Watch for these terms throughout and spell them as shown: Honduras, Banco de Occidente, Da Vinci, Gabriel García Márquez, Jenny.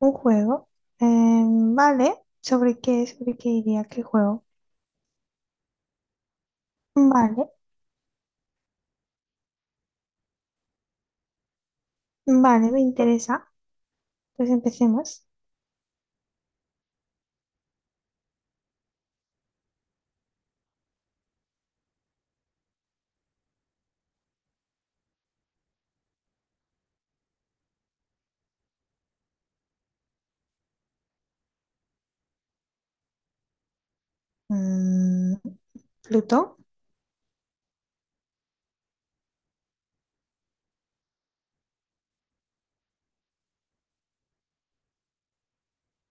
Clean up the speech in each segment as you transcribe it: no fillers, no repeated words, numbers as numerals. Un juego. Vale. ¿Sobre qué? ¿Sobre qué iría? ¿Qué juego? Vale. Vale, me interesa. Pues empecemos. Mm, Plutón.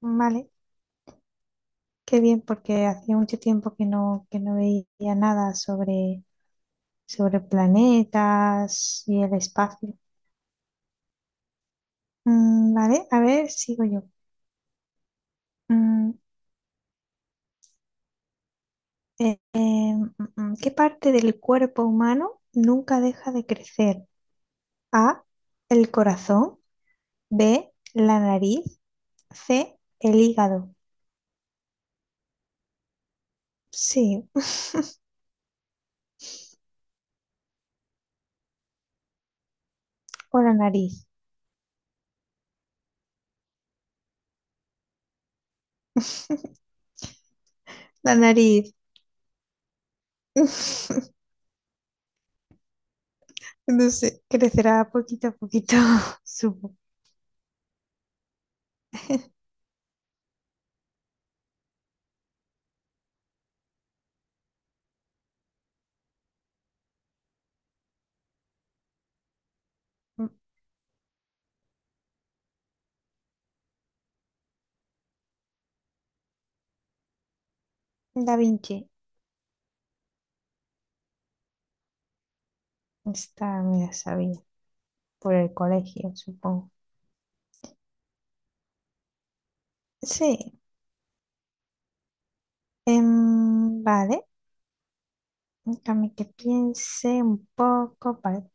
Vale. Qué bien, porque hacía mucho tiempo que no veía nada sobre planetas y el espacio. Mm, vale. A ver, sigo yo. Mm, ¿Qué parte del cuerpo humano nunca deja de crecer? A. El corazón. B. La nariz. C, el hígado. Sí, o la nariz. La nariz. No sé, crecerá poquito a poquito, supongo. Da Vinci. Esta me la sabía por el colegio, supongo. Sí, vale. Déjame que piense un poco. Vale.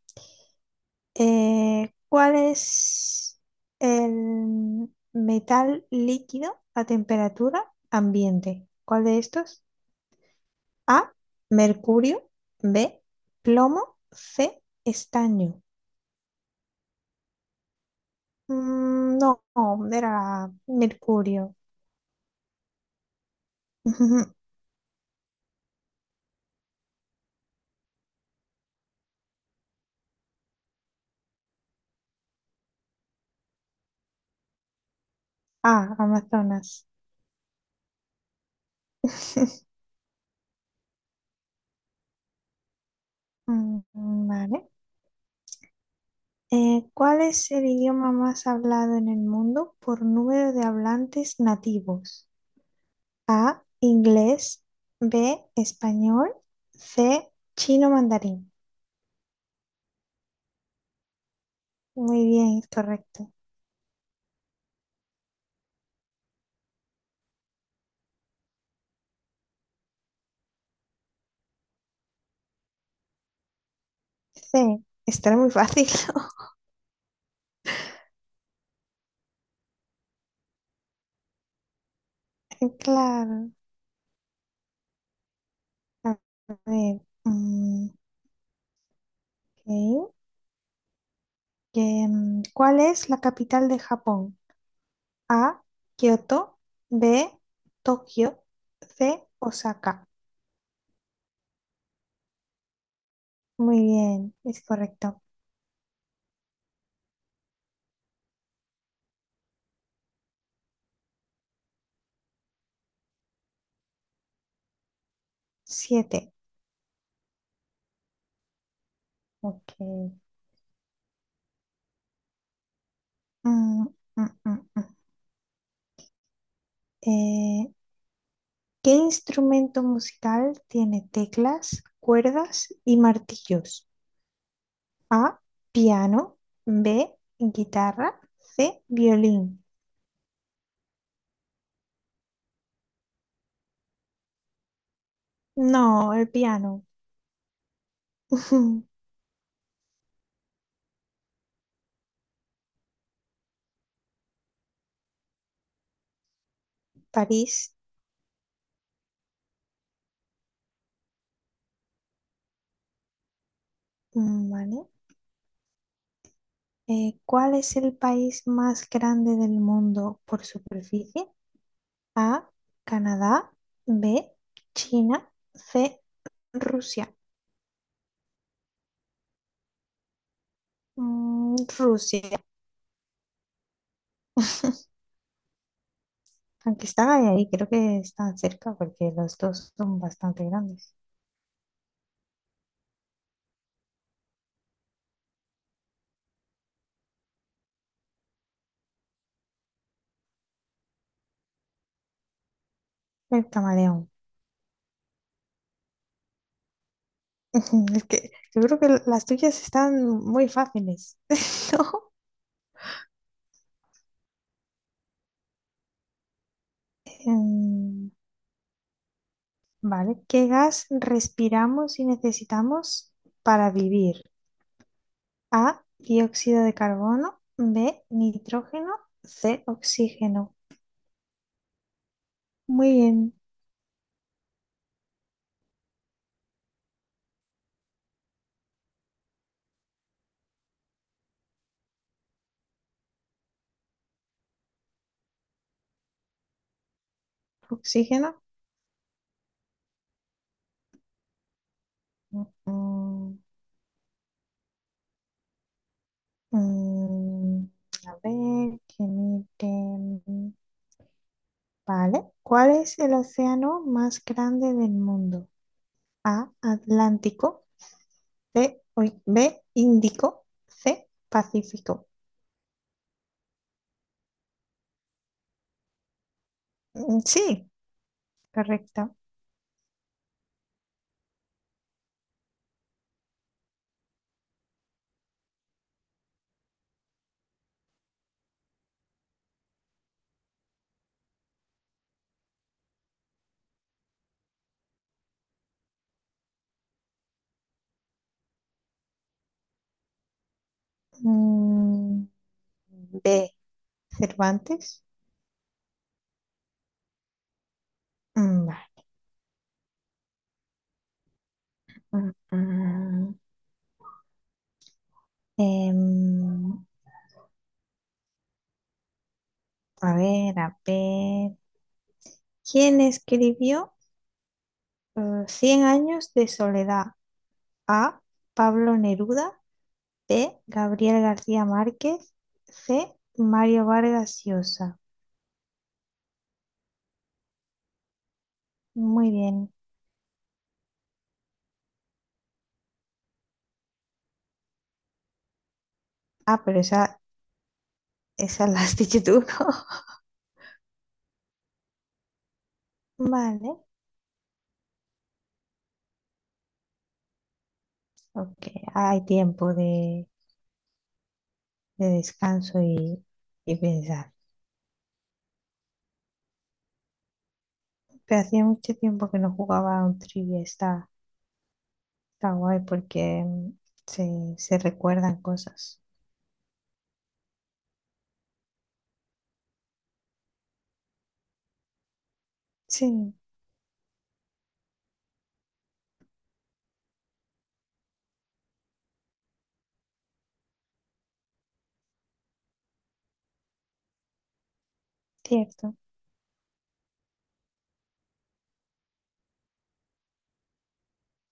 ¿Cuál es el metal líquido a temperatura ambiente? ¿Cuál de estos? A, mercurio, B, plomo, C, estaño. No, era mercurio. Ah, Amazonas. Mm. Vale. ¿Cuál es el idioma más hablado en el mundo por número de hablantes nativos? A, inglés, B, español, C, chino mandarín. Muy bien, es correcto. C, estará muy fácil, ¿no? Claro. A ver, mm, ok. Que, ¿Cuál es la capital de Japón? A, Kioto, B, Tokio, C, Osaka. Muy bien, es correcto. Siete. Ok. Mm, mm, mm, mm. Eh, ¿Qué instrumento musical tiene teclas, cuerdas y martillos? A, piano, B, guitarra, C, violín. No, el piano. París, ¿vale? ¿Cuál es el país más grande del mundo por superficie? A, Canadá, B, China, C, Rusia. Rusia. Aunque están ahí, creo que están cerca porque los dos son bastante grandes. El camaleón. Es que yo creo que las tuyas están muy fáciles, ¿no? Em, vale, ¿qué gas respiramos y necesitamos para vivir? A, dióxido de carbono, B, nitrógeno, C, oxígeno. Muy bien, oxígeno. Mm, mm, mm. A ver, que mire. Vale, ¿cuál es el océano más grande del mundo? A, Atlántico, B, Índico, C, Pacífico. Mm, sí, correcto. Mm, B, Cervantes. Mm, vale. Mm, mm. Em, a ver, a ver. ¿Quién escribió eh, Cien años de soledad? A. Pablo Neruda. B. Gabriel García Márquez. C. Mario Vargas Llosa. Muy bien. Ah, pero esa la has dicho tú, ¿no? Vale. Ok, hay tiempo de descanso y pensar. Pero hacía mucho tiempo que no jugaba a un trivia. Está guay porque se recuerdan cosas. Sí, cierto.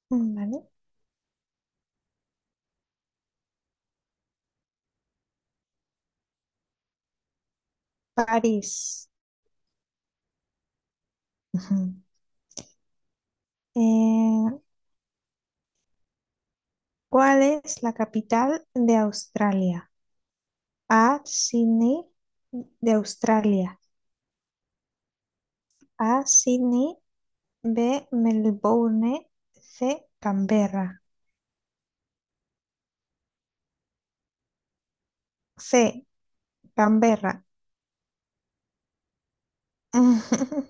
Vale. París. Ujú. Eh, ¿Cuál es la capital de Australia? A, Sydney de Australia. A, Sydney. B, Melbourne. C, Canberra. C, Canberra.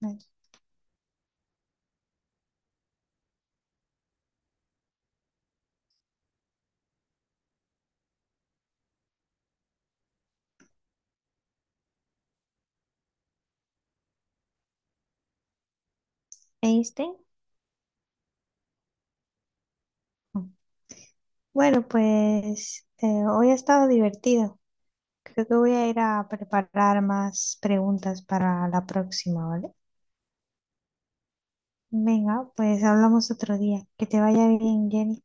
Vale. ¿Einstein? Bueno, pues hoy ha estado divertido. Creo que voy a ir a preparar más preguntas para la próxima, ¿vale? Venga, pues hablamos otro día. Que te vaya bien, Jenny.